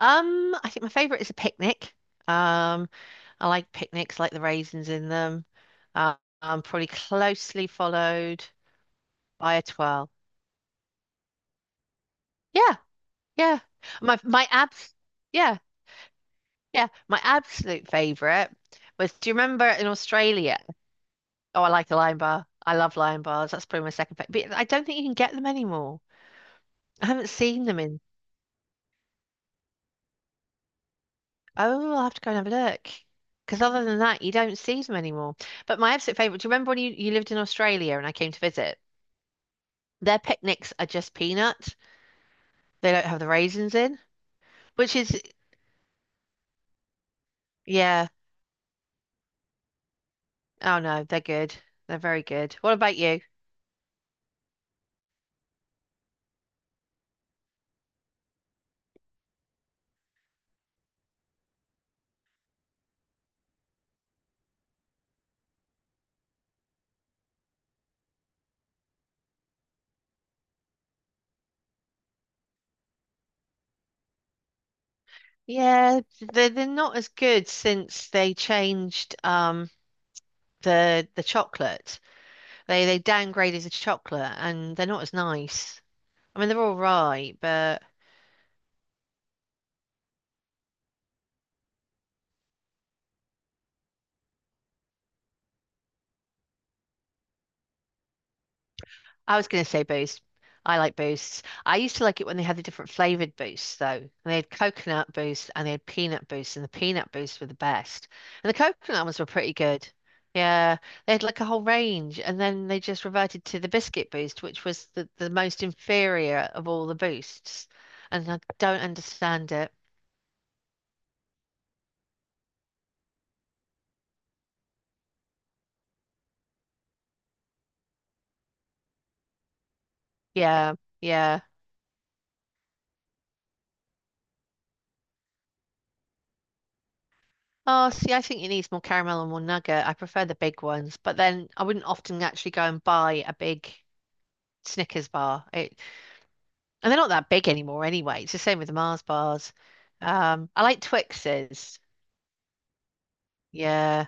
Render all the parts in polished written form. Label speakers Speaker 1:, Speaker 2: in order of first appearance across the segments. Speaker 1: I think my favorite is a picnic. Um, I like picnics, like the raisins in them. Uh, Probably closely followed by a twirl. Yeah, yeah. My abs. Yeah, yeah. My absolute favorite was. Do you remember in Australia? Oh, I like a lion bar. I love lion bars. That's probably my second favorite. But I don't think you can get them anymore. I haven't seen them in. Oh, I'll have to go and have a look. Because other than that, you don't see them anymore. But my absolute favorite. Do you remember when you lived in Australia and I came to visit? Their picnics are just peanut. They don't have the raisins in, which is, yeah. Oh no, they're good. They're very good. What about you? Yeah, they're not as good since they changed the chocolate. They downgraded the chocolate and they're not as nice. I mean, they're all right, but I was going to say boost. I like boosts. I used to like it when they had the different flavored boosts, though. And they had coconut boost and they had peanut boost, and the peanut boosts were the best. And the coconut ones were pretty good. Yeah, they had like a whole range, and then they just reverted to the biscuit boost, which was the most inferior of all the boosts. And I don't understand it. Yeah, yeah. Oh, see, I think it needs more caramel and more nugget. I prefer the big ones, but then I wouldn't often actually go and buy a big Snickers bar. It And they're not that big anymore anyway. It's the same with the Mars bars. I like Twixes. Yeah.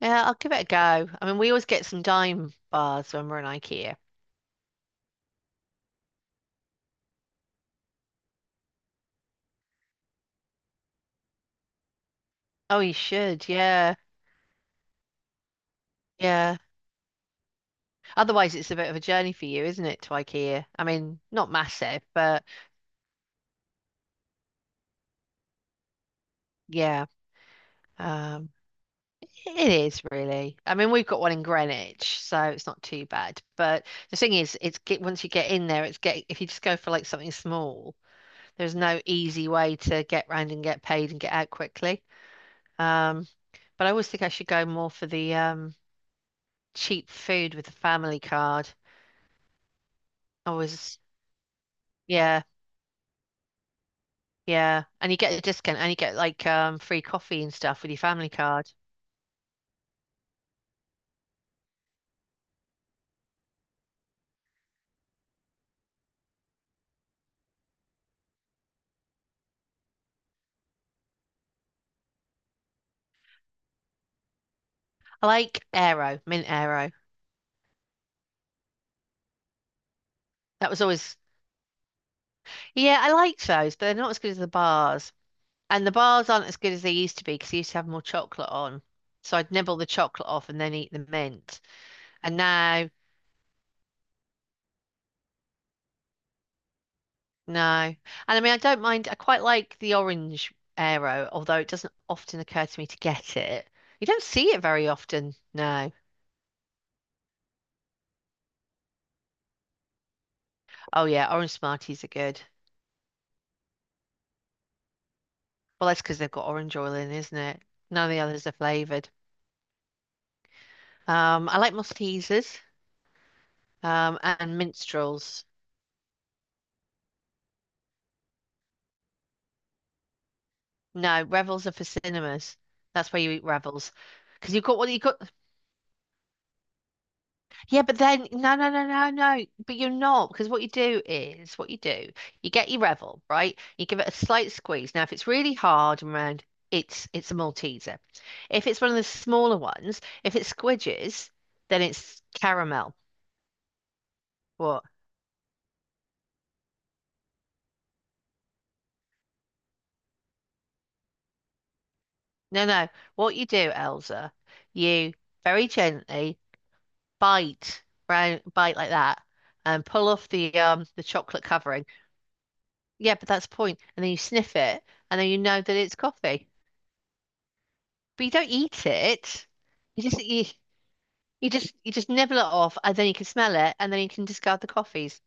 Speaker 1: Yeah, I'll give it a go. I mean, we always get some dime bars when we're in IKEA. Oh, you should. Yeah. Yeah. Otherwise, it's a bit of a journey for you, isn't it, to IKEA? I mean, not massive, but yeah. Um, it is really. I mean, we've got one in Greenwich, so it's not too bad. But the thing is, it's get once you get in there, it's get if you just go for like something small. There's no easy way to get round and get paid and get out quickly. Um, but I always think I should go more for the cheap food with the family card. I was, yeah, yeah. And you get a discount and you get like free coffee and stuff with your family card. I like Aero, Mint Aero. That was always, yeah, I liked those, but they're not as good as the bars. And the bars aren't as good as they used to be because they used to have more chocolate on. So I'd nibble the chocolate off and then eat the mint. And now No. And I mean, I don't mind. I quite like the orange aero, although it doesn't often occur to me to get it. You don't see it very often. No. Oh, yeah. Orange Smarties are good. Well, that's because they've got orange oil in, isn't it? None of the others are flavored. I like Maltesers, and Minstrels. No, Revels are for cinemas. That's where you eat Revels. Because you've got what you've got. Yeah, but then no, no, no, no, no. But you're not because what you do is what you do. You get your Revel, right? You give it a slight squeeze. Now, if it's really hard and round, it's a Malteser. If it's one of the smaller ones, if it squidges, then it's caramel. What? No, no. What you do, Elsa, you very gently bite round, bite like that, and pull off the chocolate covering. Yeah, but that's the point. And then you sniff it, and then you know that it's coffee. But you don't eat it. You just you, you just nibble it off, and then you can smell it, and then you can discard the coffees.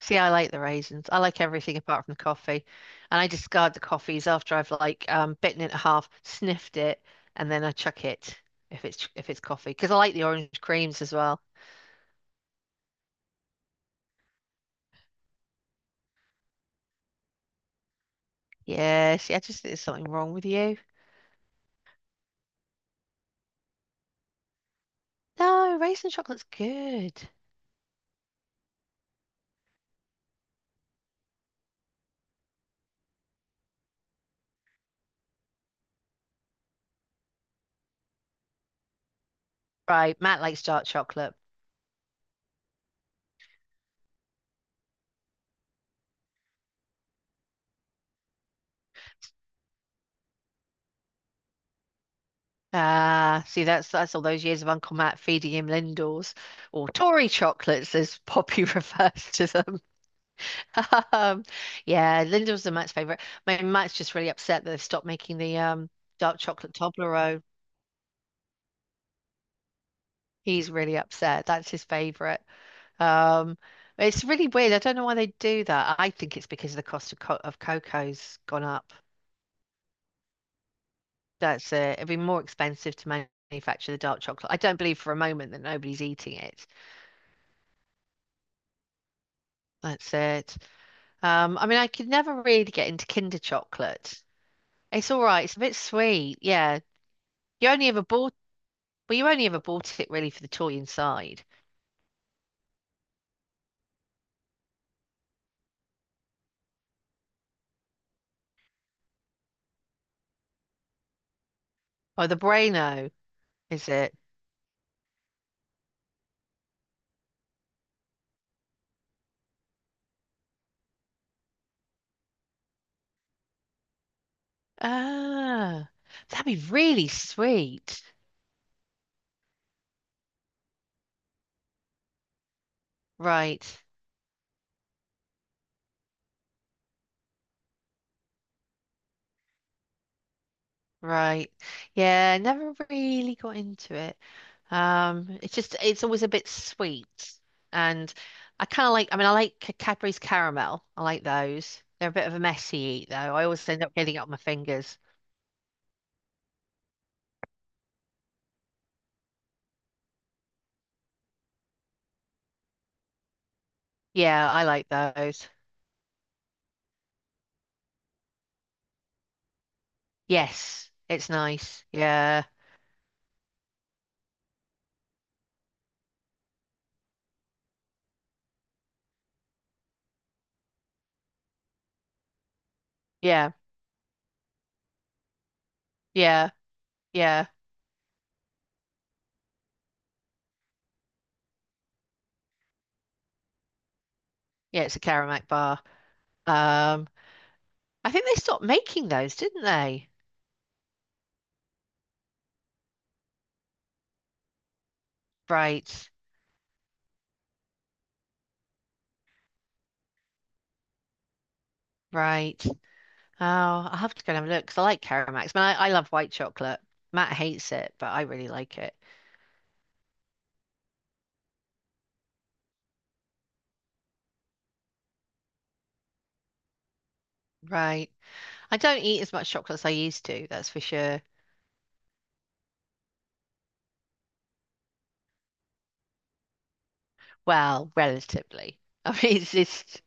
Speaker 1: See, I like the raisins. I like everything apart from the coffee, and I discard the coffees after I've like bitten it in half, sniffed it, and then I chuck it if it's coffee because I like the orange creams as well. Yeah, see, I just think there's something wrong with you. No, raisin chocolate's good. Right, Matt likes dark chocolate. Ah, see, that's all those years of Uncle Matt feeding him Lindors or Tory chocolates, as Poppy refers to them. Um, yeah, Lindors are Matt's favorite. My Matt's just really upset that they've stopped making the dark chocolate Toblerone. He's really upset. That's his favorite. Um, it's really weird. I don't know why they do that. I think it's because the cost of co of cocoa's gone up. That's it. It'd be more expensive to manufacture the dark chocolate. I don't believe for a moment that nobody's eating it. That's it. I mean, I could never really get into Kinder chocolate. It's all right. It's a bit sweet. Yeah. You only ever bought, Well, you only ever bought it really for the toy inside. Oh, the Braino, is it? Ah, that'd be really sweet. Right. Right. Yeah. Never really got into it. It's just, it's always a bit sweet. And I kind of like, I mean, I like Cadbury's caramel. I like those. They're a bit of a messy eat, though. I always end up getting it on my fingers. Yeah, I like those. Yes, it's nice. Yeah, yeah, yeah, yeah, yeah. It's a Karamak bar. Um, I think they stopped making those, didn't they? Right, right. Oh, I'll have to go and have a look because I like Karamaks. Man, I love white chocolate. Matt hates it, but I really like it. Right. I don't eat as much chocolate as I used to, that's for sure. Well, relatively. I mean, it's just,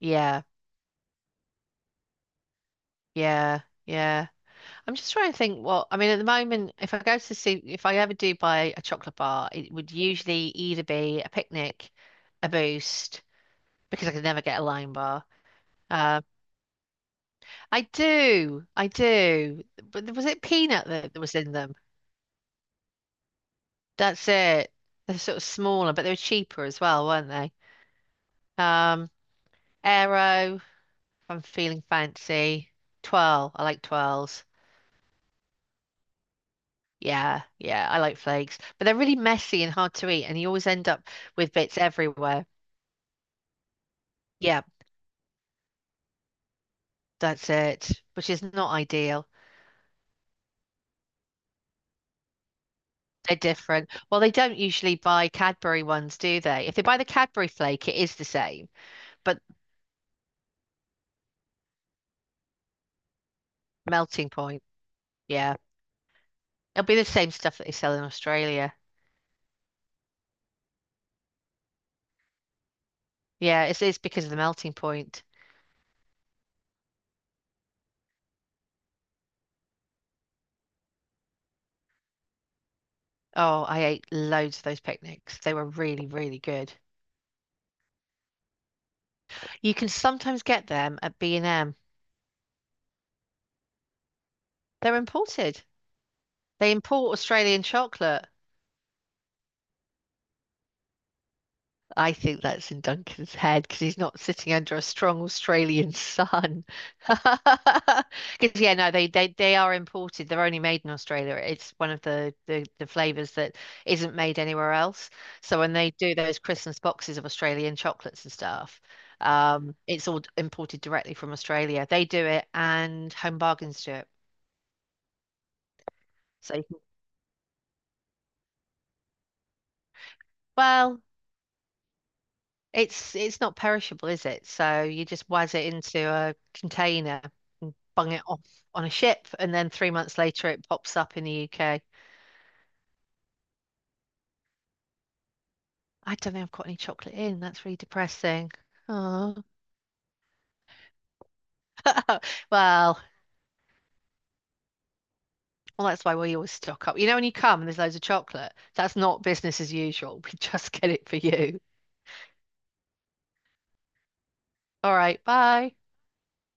Speaker 1: yeah, yeah, yeah. I'm just trying to think what I mean at the moment, if I go to see if I ever do buy a chocolate bar, it would usually either be a picnic, a boost, because I could never get a lime bar. Um, I do, I do. But was it peanut that was in them? That's it. They're sort of smaller, but they were cheaper as well, weren't they? Um, Aero, if I'm feeling fancy. Twirl, I like twirls. Yeah, yeah, I like flakes. But they're really messy and hard to eat, and you always end up with bits everywhere. Yeah, that's it, which is not ideal. They're different. Well, they don't usually buy Cadbury ones, do they? If they buy the Cadbury flake, it is the same, but melting point. Yeah. It'll be the same stuff that they sell in Australia. Yeah, it's because of the melting point. Oh, I ate loads of those picnics. They were really, really good. You can sometimes get them at B&M. They're imported. They import Australian chocolate. I think that's in Duncan's head because he's not sitting under a strong Australian sun. Because yeah, no, they are imported. They're only made in Australia. It's one of the flavors that isn't made anywhere else. So when they do those Christmas boxes of Australian chocolates and stuff, it's all imported directly from Australia. They do it, and Home Bargains do it. So you can, well, it's not perishable, is it? So you just waz it into a container bung it off on a ship, and then three months later it pops up in the UK. I don't think I've got any chocolate in. That's really depressing. Oh, well, well, that's why we always stock up. You know, when you come and there's loads of chocolate, that's not business as usual. We just get it for you. All right, bye.